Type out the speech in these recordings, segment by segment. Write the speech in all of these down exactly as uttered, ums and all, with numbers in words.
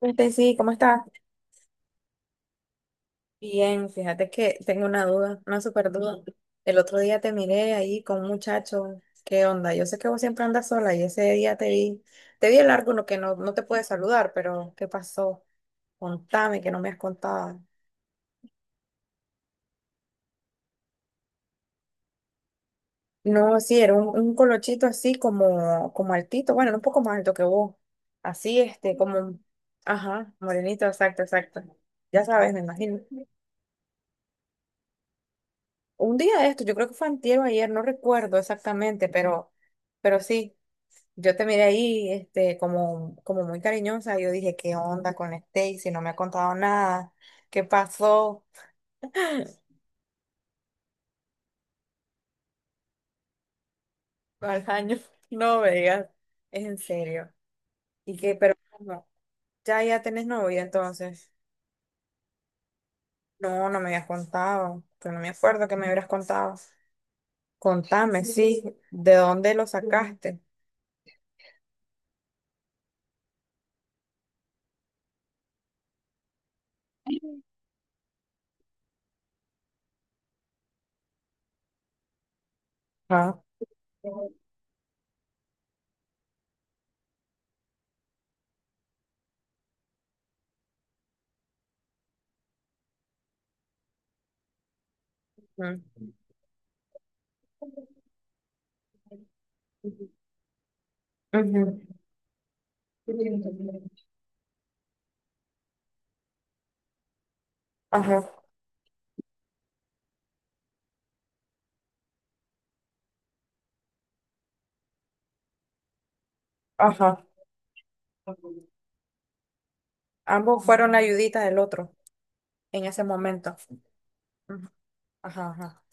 Este, sí, ¿cómo estás? Bien, fíjate que tengo una duda, una súper duda. El otro día te miré ahí con un muchacho. ¿Qué onda? Yo sé que vos siempre andas sola y ese día te vi, te vi, el largo, no que no, no te pude saludar, pero ¿qué pasó? Contame, que no me has contado. No, sí, era un, un, colochito así como, como altito, bueno, un poco más alto que vos. Así, este, como, ajá, morenito, exacto, exacto. Ya sabes, me imagino. Un día de esto, yo creo que fue antier o ayer, no recuerdo exactamente, pero, pero, sí, yo te miré ahí, este, como, como muy cariñosa, yo dije, ¿qué onda con Stacy? Si no me ha contado nada, ¿qué pasó? Al año, no me digas, es en serio. Y que, pero no, ya, ya tenés novia entonces. No, no me habías contado, pero no me acuerdo que me hubieras contado. Contame, sí, ¿de dónde lo sacaste? Ah. Ujú. Ujú. Ajá, ajá. Ambos fueron la ayudita del otro en ese momento. Ujú. Ajá, ajá.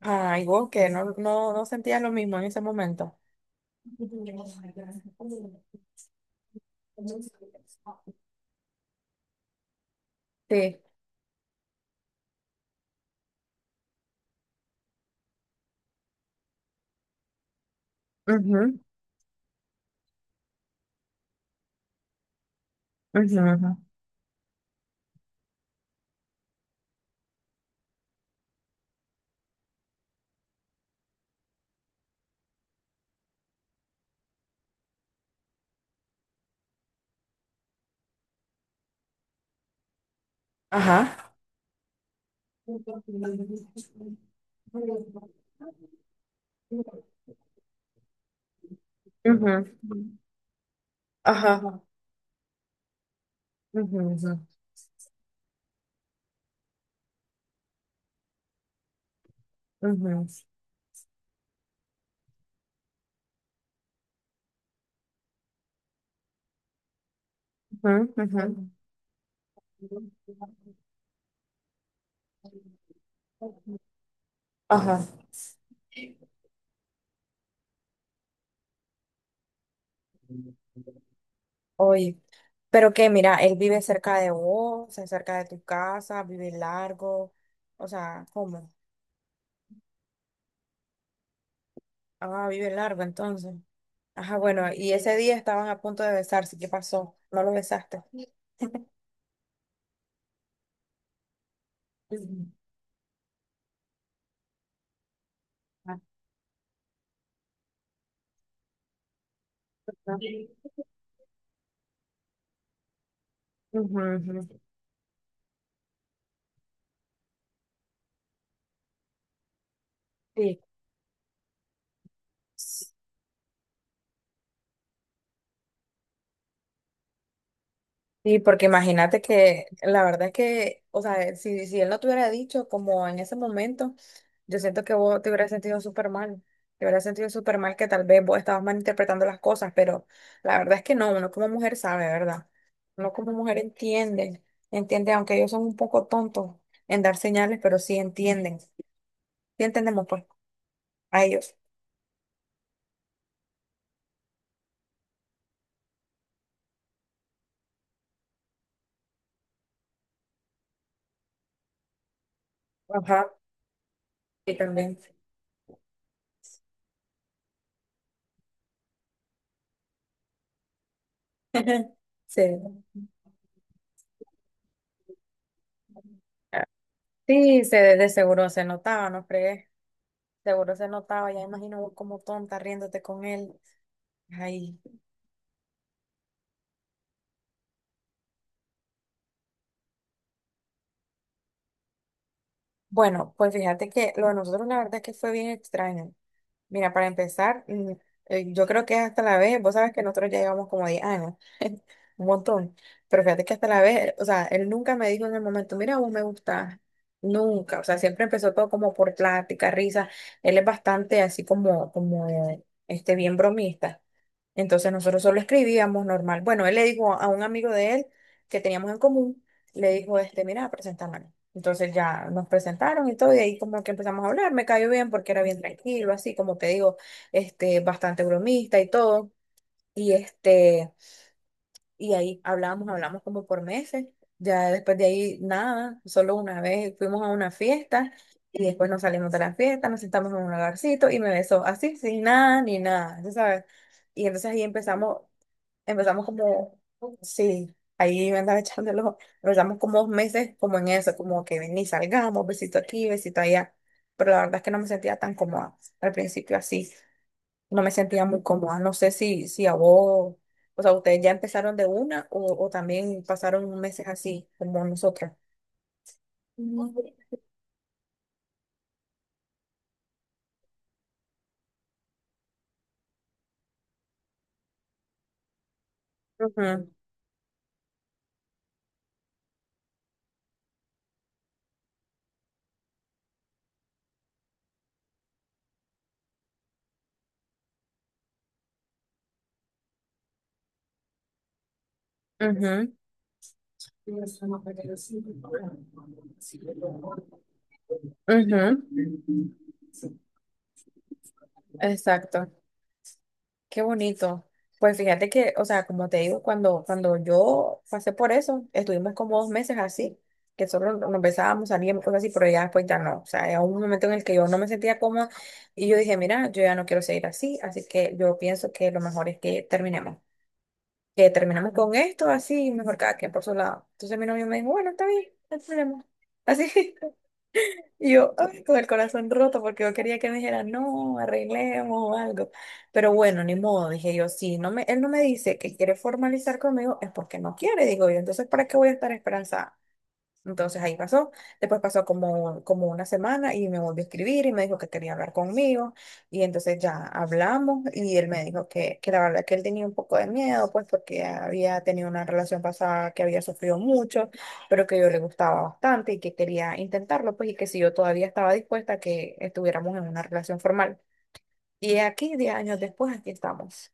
Ah, igual que no, no, no sentías lo mismo en ese momento. Sí. Ujú, ujú, ujú. Ajá. Ujú. Ajá. Ujú, ujú, ujú, ujú, ujú. Ajá. Oye. Pero que, mira, él vive cerca de vos, o sea, cerca de tu casa, vive largo. O sea, ¿cómo? Ah, vive largo entonces. Ajá, bueno, y ese día estaban a punto de besarse. ¿Qué pasó? ¿No lo besaste? Ujú, ujú, ujú. Sí. Sí, porque imagínate que la verdad es que, o sea, si, si él no te hubiera dicho como en ese momento, yo siento que vos te hubieras sentido súper mal. Te hubieras sentido súper mal que tal vez vos estabas malinterpretando las cosas, pero la verdad es que no, uno como mujer sabe, ¿verdad? Uno como mujer entiende, entiende, aunque ellos son un poco tontos en dar señales, pero sí entienden. Sí entendemos pues a ellos. Ajá. Y también se- Sí, se, de seguro se notaba, ¿no crees? Seguro se notaba, ya imagino vos como tonta riéndote con él. Ay. Bueno, pues fíjate que lo de nosotros la verdad es que fue bien extraño. Mira, para empezar, mm, eh, yo creo que es hasta la vez, vos sabes que nosotros ya llevamos como diez años. Un montón. Pero fíjate que hasta la vez, o sea, él nunca me dijo en el momento, mira, vos me gustás. Nunca, o sea, siempre empezó todo como por plática, risa. Él es bastante así como, como, este, bien bromista. Entonces nosotros solo escribíamos normal. Bueno, él le dijo a un amigo de él que teníamos en común, le dijo, este, mira, presentámonos. Entonces ya nos presentaron y todo, y ahí como que empezamos a hablar, me cayó bien porque era bien tranquilo, así como te digo, este, bastante bromista y todo. Y este... Y ahí hablamos, hablamos, como por meses. Ya después de ahí, nada, solo una vez fuimos a una fiesta y después nos salimos de la fiesta, nos sentamos en un lugarcito y me besó así, sin nada, ni nada, ¿sí? ¿Sabes? Y entonces ahí empezamos, empezamos como, sí, ahí me andaba echando el ojo. Empezamos como dos meses como en eso, como que ven y salgamos, besito aquí, besito allá. Pero la verdad es que no me sentía tan cómoda al principio, así no me sentía muy cómoda. No sé si, si, a vos, o sea, ustedes ya empezaron de una, o, o también pasaron meses así, como nosotras. Ujú, ujú, ujú. Exacto. Qué bonito. Pues fíjate que, o sea, como te digo, cuando, cuando yo pasé por eso, estuvimos como dos meses así, que solo nos besábamos, salíamos, cosas así, pero ya después ya no. O sea, era un momento en el que yo no me sentía cómoda y yo dije, mira, yo ya no quiero seguir así, así que yo pienso que lo mejor es que terminemos. Que terminamos con esto, así, mejor cada quien por su lado. Entonces mi novio me dijo, bueno, está bien, no hay problema. Así, y yo ay, con el corazón roto porque yo quería que me dijera, no, arreglemos o algo. Pero bueno, ni modo, dije yo, si no me, él no me dice que quiere formalizar conmigo, es porque no quiere, digo yo. Entonces, ¿para qué voy a estar esperanzada? Entonces ahí pasó. Después pasó como, como, una semana y me volvió a escribir y me dijo que quería hablar conmigo. Y entonces ya hablamos y él me dijo que, que la verdad que él tenía un poco de miedo, pues porque había tenido una relación pasada que había sufrido mucho, pero que yo le gustaba bastante y que quería intentarlo, pues, y que si yo todavía estaba dispuesta a que estuviéramos en una relación formal. Y aquí, diez años después, aquí estamos.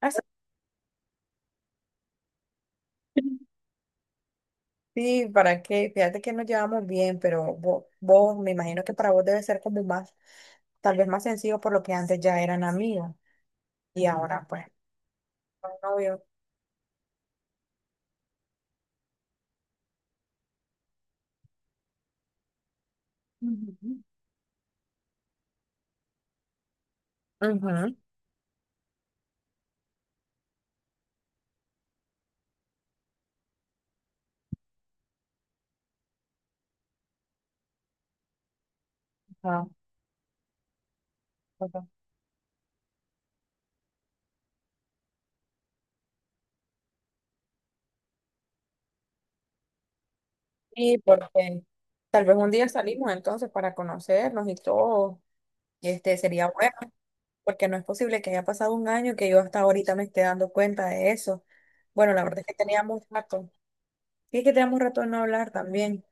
Así. Sí, ¿para qué? Fíjate que nos llevamos bien, pero vos, vos, me imagino que para vos debe ser como más, tal vez más sencillo por lo que antes ya eran amigos y ahora pues son novios. Ujú, ajá, ajá. Sí, porque tal vez un día salimos entonces para conocernos y todo, y este sería bueno, porque no es posible que haya pasado un año que yo hasta ahorita me esté dando cuenta de eso. Bueno, la verdad es que teníamos rato. Y es que tenemos rato de no hablar también.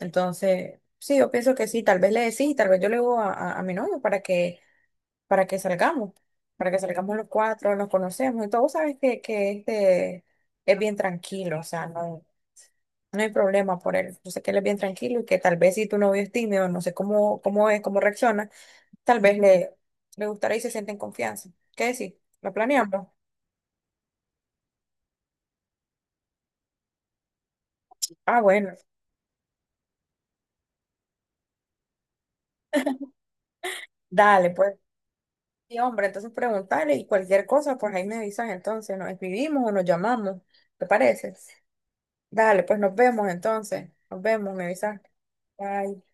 Entonces, sí, yo pienso que sí, tal vez le decís, tal vez yo le digo a, a- a mi novio para que, para que, salgamos, para que salgamos los cuatro, nos conocemos y todo, sabes que, que este es bien tranquilo, o sea, no, no hay problema por él. Yo sé que él es bien tranquilo y que tal vez si tu novio es tímido, no sé cómo, cómo es, cómo reacciona, tal vez le, le gustará y se siente en confianza. ¿Qué decir? ¿Lo planeamos? Ah, bueno, dale, pues. Sí, hombre, entonces preguntarle y cualquier cosa, pues ahí me avisas entonces, nos escribimos o nos llamamos, ¿te parece? Dale, pues nos vemos entonces, nos vemos, me avisas. Bye.